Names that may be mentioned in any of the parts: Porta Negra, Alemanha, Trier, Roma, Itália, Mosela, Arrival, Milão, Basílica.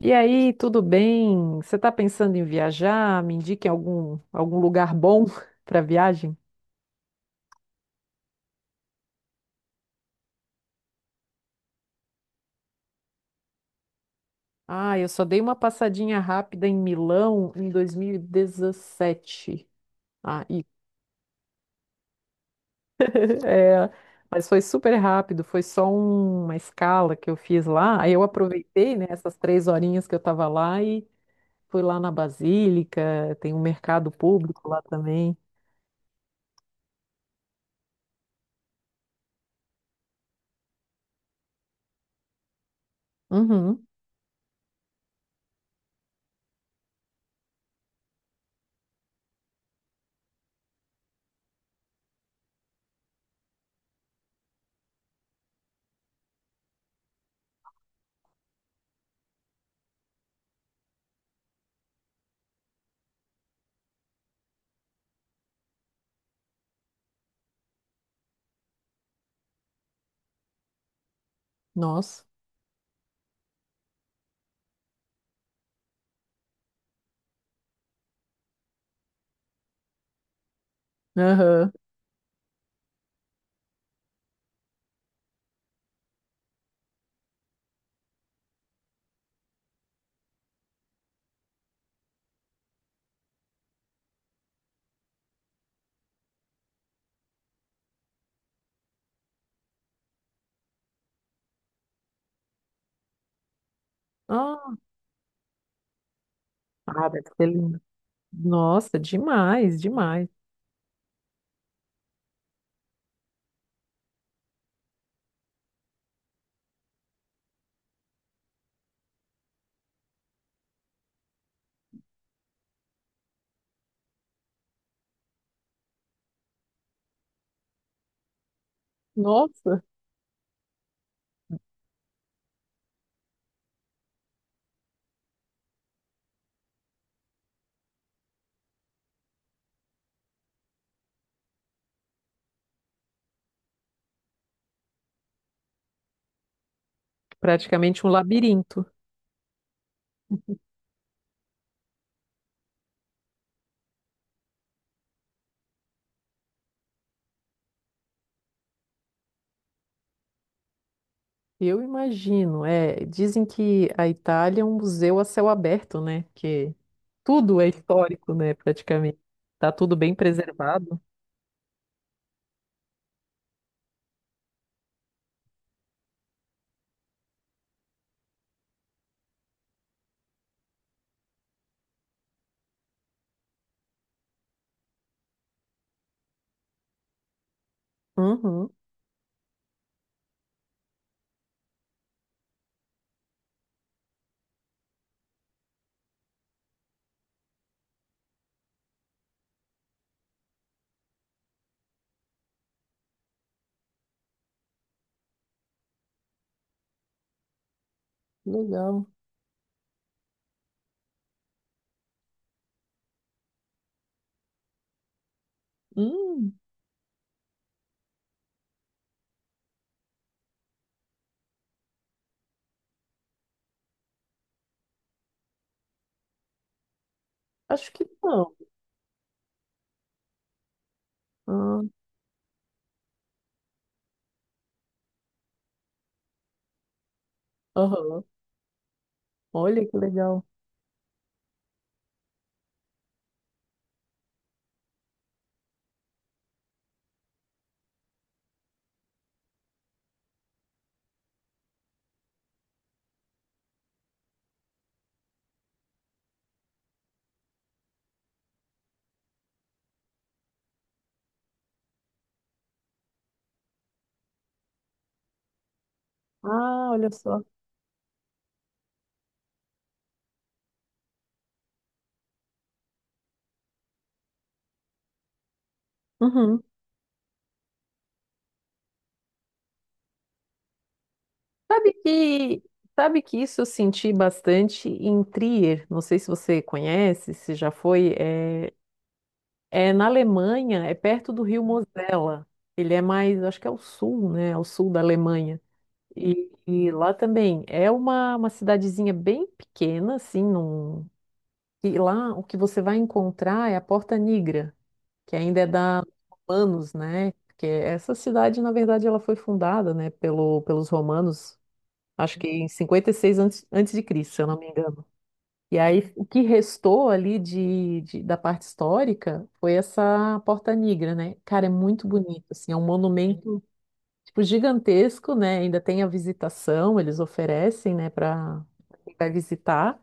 E aí, tudo bem? Você está pensando em viajar? Me indique algum lugar bom para viagem? Ah, eu só dei uma passadinha rápida em Milão em 2017. Ah, e, é, mas foi super rápido, foi só uma escala que eu fiz lá. Aí eu aproveitei, né, essas três horinhas que eu estava lá e fui lá na Basílica, tem um mercado público lá também. Uhum, nossa. Aham. Ah, ah, deve ser lindo. Nossa, demais, demais. Nossa, praticamente um labirinto. Eu imagino, é, dizem que a Itália é um museu a céu aberto, né? Que tudo é histórico, né, praticamente. Tá tudo bem preservado. Uhum, legal. Hum, acho que não. Ah, aham. Olha que legal. Ah, olha só. Uhum. Sabe que, sabe que isso eu senti bastante em Trier, não sei se você conhece, se já foi, é, é na Alemanha, é perto do rio Mosela. Ele é mais, acho que é o sul, né? Ao sul da Alemanha. E lá também é uma cidadezinha bem pequena, assim, num, e lá o que você vai encontrar é a Porta Negra, que ainda é da romanos, né? Porque essa cidade, na verdade, ela foi fundada, né, pelos romanos acho que em 56 antes de Cristo, se eu não me engano. E aí o que restou ali da parte histórica foi essa Porta Negra, né? Cara, é muito bonito, assim, é um monumento tipo gigantesco, né? Ainda tem a visitação, eles oferecem, né, para quem vai visitar.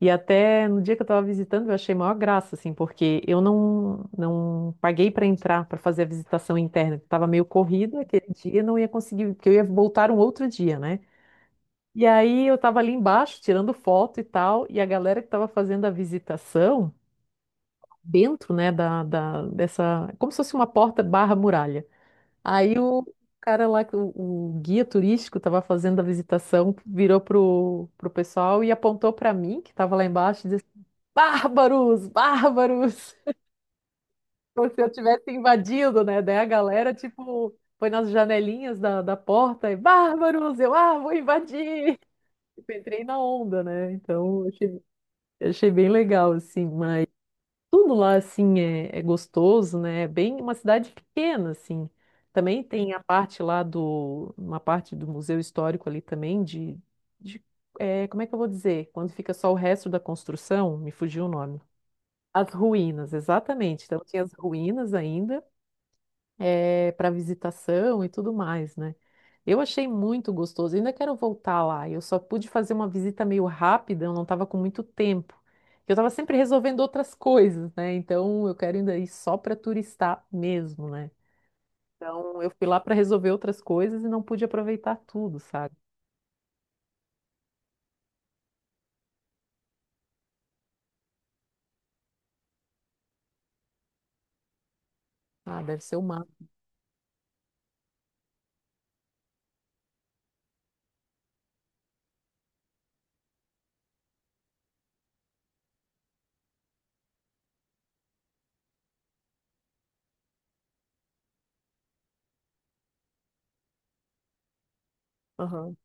E até no dia que eu estava visitando, eu achei maior graça, assim, porque eu não paguei para entrar, para fazer a visitação interna. Que estava meio corrida aquele dia, não ia conseguir, porque eu ia voltar um outro dia, né? E aí eu tava ali embaixo tirando foto e tal, e a galera que tava fazendo a visitação, dentro, né, dessa, como se fosse uma porta barra muralha. Aí o cara lá, que o guia turístico tava fazendo a visitação, virou pro pessoal e apontou pra mim, que tava lá embaixo, e disse, bárbaros, bárbaros, como se eu tivesse invadido, né, daí a galera, tipo, foi nas janelinhas da porta e, bárbaros, eu, ah, vou invadir! Tipo, entrei na onda, né? Então, eu achei bem legal, assim, mas tudo lá, assim, é, é gostoso, né? É bem uma cidade pequena, assim. Também tem a parte lá do, uma parte do Museu Histórico ali também, de é, como é que eu vou dizer? Quando fica só o resto da construção, me fugiu o nome. As ruínas, exatamente. Então tinha as ruínas ainda, para visitação e tudo mais, né? Eu achei muito gostoso. Ainda quero voltar lá. Eu só pude fazer uma visita meio rápida, eu não estava com muito tempo. Eu estava sempre resolvendo outras coisas, né? Então eu quero ainda ir só para turistar mesmo, né? Então eu fui lá para resolver outras coisas e não pude aproveitar tudo, sabe? Ah, deve ser o mar. Aham.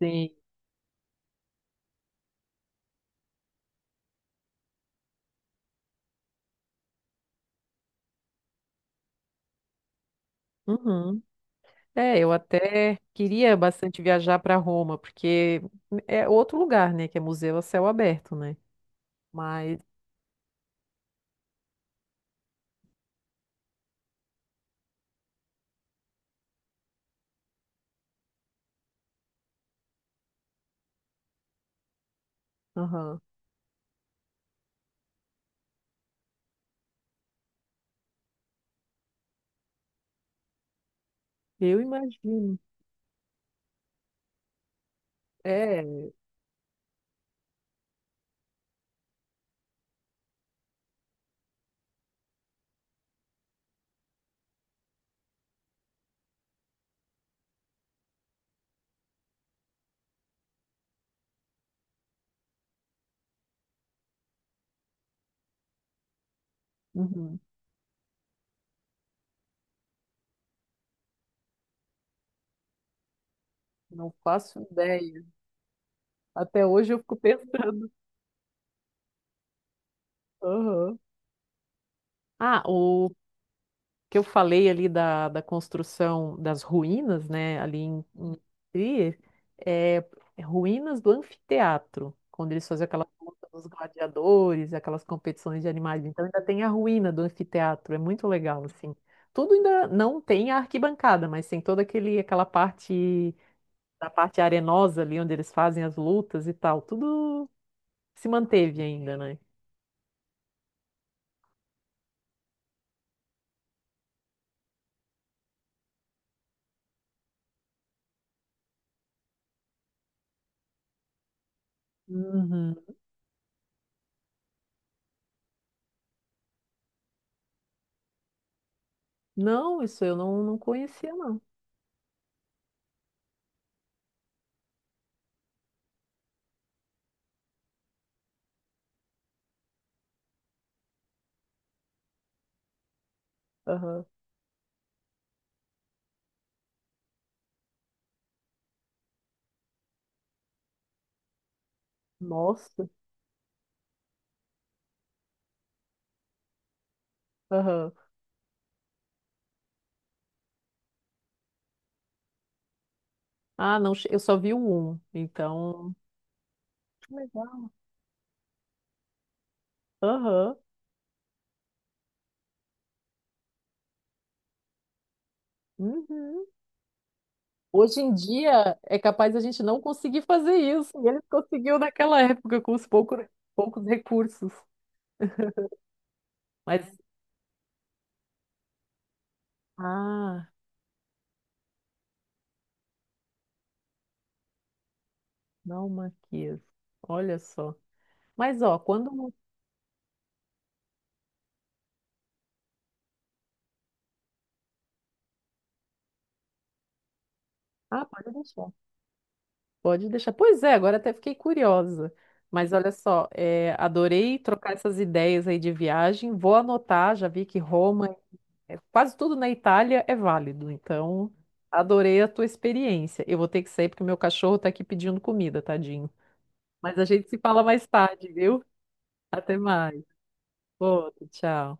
Sim. Uhum. É, eu até queria bastante viajar para Roma, porque é outro lugar, né, que é museu a céu aberto, né? Mas aham. Eu imagino. É, uhum. Não faço ideia. Até hoje eu fico pensando. Aham. Ah, o que eu falei ali da construção das ruínas, né, ali em Trier, é é ruínas do anfiteatro, quando eles faziam aquela luta dos gladiadores, aquelas competições de animais. Então ainda tem a ruína do anfiteatro, é muito legal, assim. Tudo ainda não tem a arquibancada, mas tem toda aquela parte. Da parte arenosa ali, onde eles fazem as lutas e tal, tudo se manteve ainda, né? Uhum. Não, isso eu não conhecia, não. Aham. Nossa. Aham. Ah, não, eu só vi o um, então. Que legal. Aham. Uhum. Hoje em dia é capaz a gente não conseguir fazer isso. E ele conseguiu naquela época com os poucos, poucos recursos. Mas, ah, não, Maquias. Olha só. Mas, ó, quando. Ah, pode deixar. Pode deixar. Pois é, agora até fiquei curiosa. Mas olha só, é, adorei trocar essas ideias aí de viagem. Vou anotar, já vi que Roma, é, quase tudo na Itália é válido. Então, adorei a tua experiência. Eu vou ter que sair porque o meu cachorro tá aqui pedindo comida, tadinho. Mas a gente se fala mais tarde, viu? Até mais. Outro, tchau.